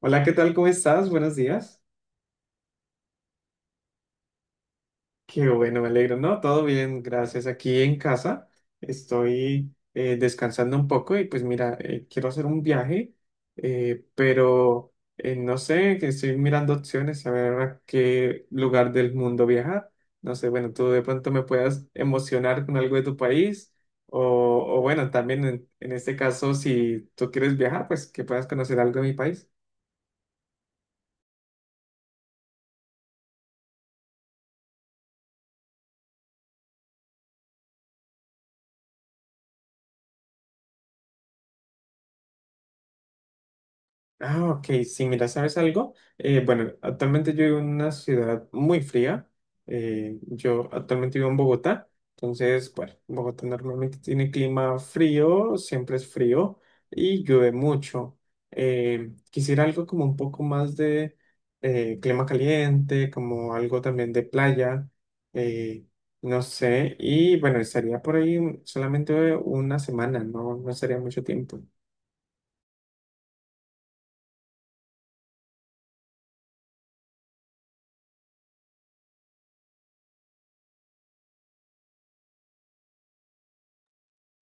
Hola, ¿qué tal? ¿Cómo estás? Buenos días. Qué bueno, me alegro, ¿no? Todo bien, gracias. Aquí en casa estoy descansando un poco y pues mira, quiero hacer un viaje, pero no sé, que estoy mirando opciones a ver a qué lugar del mundo viajar. No sé, bueno, tú de pronto me puedas emocionar con algo de tu país o, o bueno, también en este caso, si tú quieres viajar, pues que puedas conocer algo de mi país. Ah, ok, sí, mira, ¿sabes algo? Bueno, actualmente yo vivo en una ciudad muy fría. Yo actualmente vivo en Bogotá, entonces, bueno, Bogotá normalmente tiene clima frío, siempre es frío y llueve mucho. Quisiera algo como un poco más de clima caliente, como algo también de playa, eh, no sé, y bueno, estaría por ahí solamente una semana, no, no estaría mucho tiempo.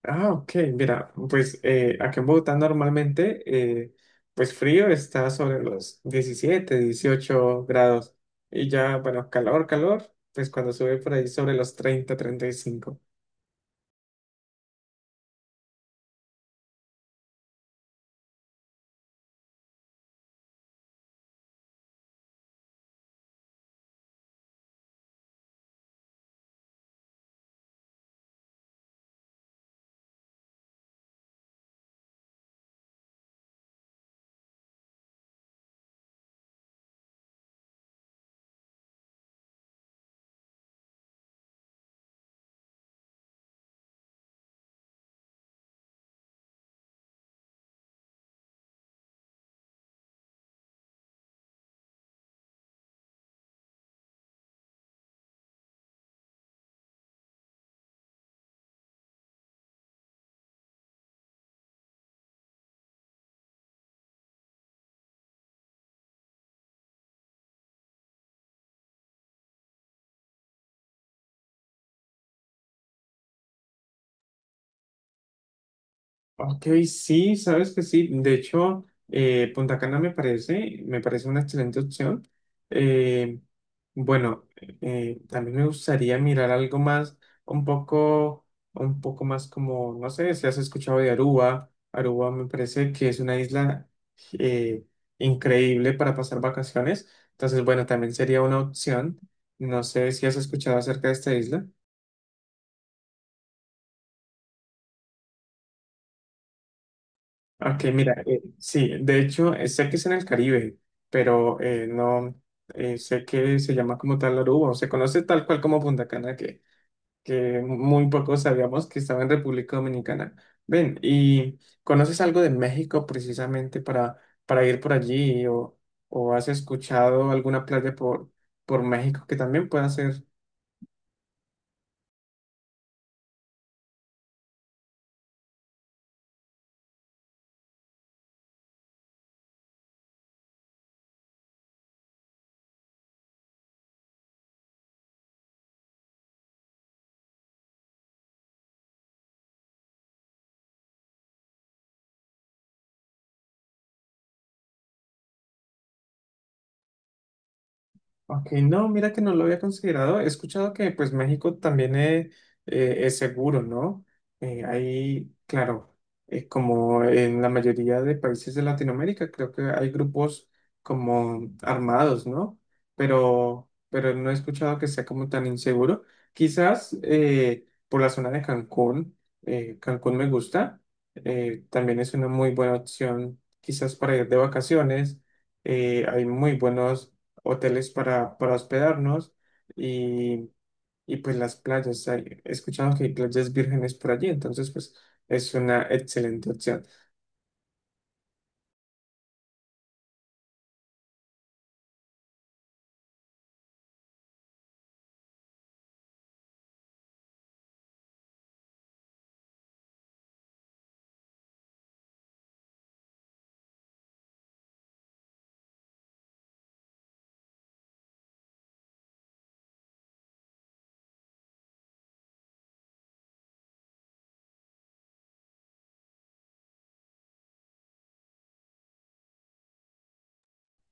Ah, ok, mira, pues acá en Bogotá normalmente, eh, pues frío está sobre los 17, 18 grados y ya, bueno, calor, calor, pues cuando sube por ahí sobre los 30, 35. Ok, sí, sabes que sí. De hecho, Punta Cana me parece una excelente opción. Eh, bueno, También me gustaría mirar algo más, un poco, un poco más como, no sé, si has escuchado de Aruba. Aruba me parece que es una isla eh, increíble para pasar vacaciones. Entonces, bueno, también sería una opción. No sé si has escuchado acerca de esta isla. Ok, mira, sí, de hecho, sé que es en el Caribe, pero no sé que se llama como tal Aruba, o se conoce tal cual como Punta Cana, que muy pocos sabíamos que estaba en República Dominicana. Ven, ¿y conoces algo de México precisamente para ir por allí o has escuchado alguna playa por México que también pueda ser? Ok, no, mira que no lo había considerado. He escuchado que pues México también es, seguro, ¿no? Ahí, claro, como en la mayoría de países de Latinoamérica, creo que hay grupos como armados, ¿no? Pero no he escuchado que sea como tan inseguro. Quizás por la zona de Cancún, Cancún me gusta. También es una muy buena opción, quizás para ir de vacaciones. Hay muy buenos hoteles para hospedarnos y, y pues las playas. He escuchado que hay playas vírgenes por allí, entonces pues es una excelente opción.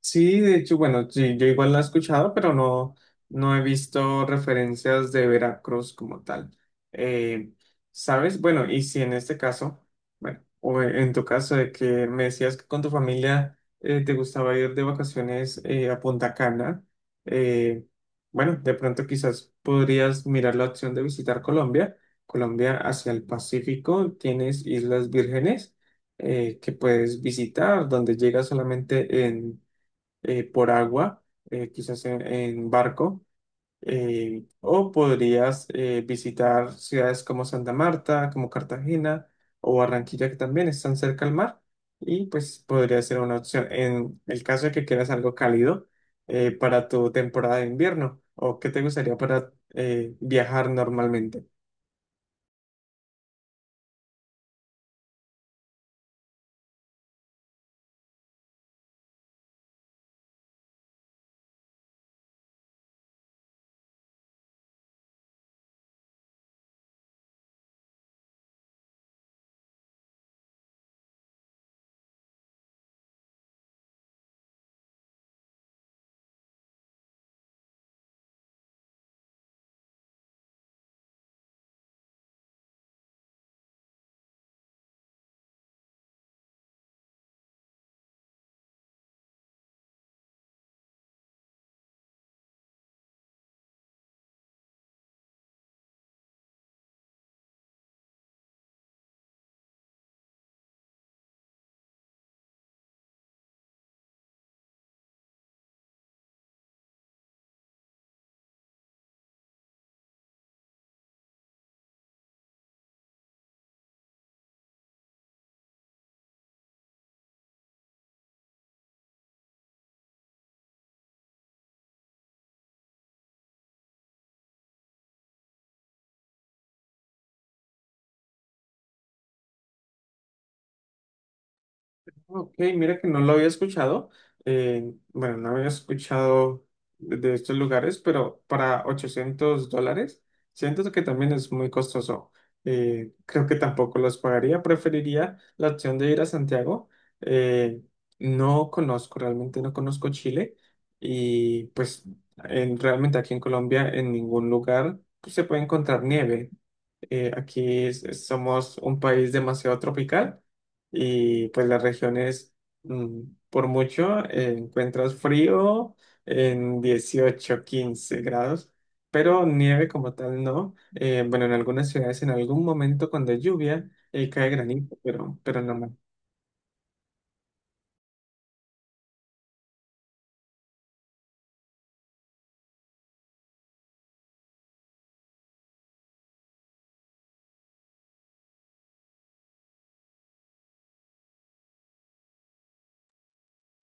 Sí, de hecho, bueno, sí, yo igual la he escuchado, pero no, no he visto referencias de Veracruz como tal. Eh, ¿Sabes? Bueno, y si en este caso, bueno, o en tu caso de que me decías que con tu familia te gustaba ir de vacaciones a Punta Cana, eh, bueno, de pronto quizás podrías mirar la opción de visitar Colombia. Colombia hacia el Pacífico, tienes Islas Vírgenes que puedes visitar, donde llegas solamente en por agua, quizás en barco, o podrías visitar ciudades como Santa Marta, como Cartagena o Barranquilla, que también están cerca al mar, y pues podría ser una opción en el caso de que quieras algo cálido para tu temporada de invierno, o qué te gustaría para viajar normalmente. Ok, mira que no lo había escuchado. Bueno, no había escuchado de estos lugares, pero para $800, siento que también es muy costoso. Creo que tampoco los pagaría. Preferiría la opción de ir a Santiago. eh, no conozco, realmente no conozco Chile. Y pues realmente aquí en Colombia, en ningún lugar pues, se puede encontrar nieve. Aquí somos un país demasiado tropical y pues las regiones, mm, por mucho, encuentras frío en 18, 15 grados, pero nieve como tal no. Bueno, en algunas ciudades en algún momento cuando hay lluvia cae granizo, pero no.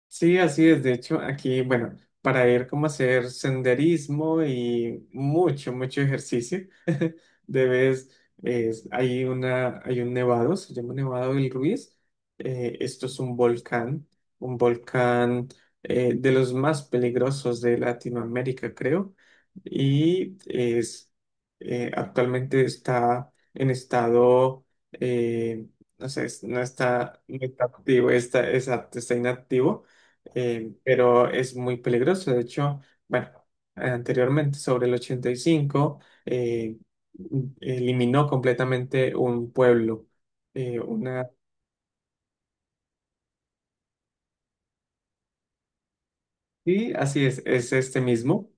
Sí, así es. De hecho, aquí, bueno, para ir como a hacer senderismo y mucho, mucho ejercicio, debes, hay una, hay un nevado, se llama Nevado del Ruiz. Esto es un volcán de los más peligrosos de Latinoamérica, creo. Y es, Actualmente está en estado, eh, no sé, no está, no está activo, está, exacto, está inactivo pero es muy peligroso. De hecho, bueno, anteriormente, sobre el 85, eh, eliminó completamente un pueblo. eh, una... Sí, así es este mismo.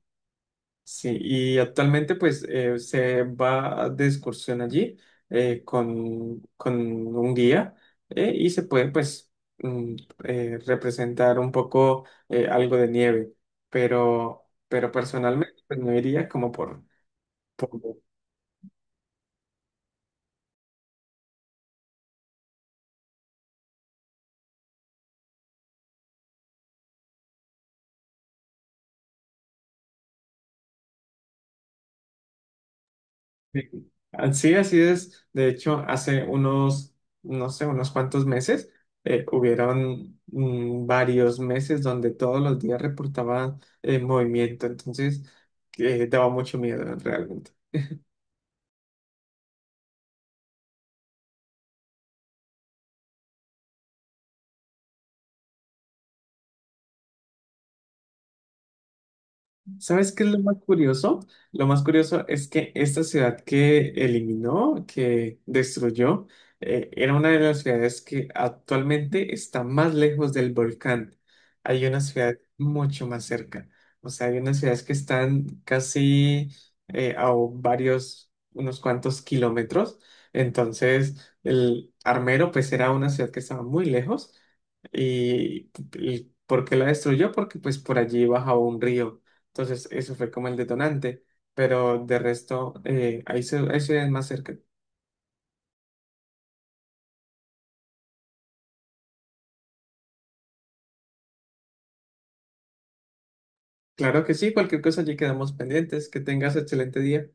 Sí, y actualmente pues se va de excursión allí con un guía y se puede pues mm, representar un poco algo de nieve, pero personalmente pues no iría como por. Sí, así así es. De hecho, hace unos, no sé, unos cuantos meses, hubieron varios meses donde todos los días reportaban movimiento. Entonces, daba mucho miedo realmente. ¿Sabes qué es lo más curioso? Lo más curioso es que esta ciudad que eliminó, que destruyó, era una de las ciudades que actualmente está más lejos del volcán. Hay una ciudad mucho más cerca. O sea, hay unas ciudades que están casi a varios, unos cuantos kilómetros. Entonces, el Armero, pues era una ciudad que estaba muy lejos. ¿Y, y por qué la destruyó? Porque pues por allí bajaba un río. Entonces eso fue como el detonante. Pero de resto, ahí se ven más cerca. Claro que sí, cualquier cosa allí quedamos pendientes. Que tengas excelente día.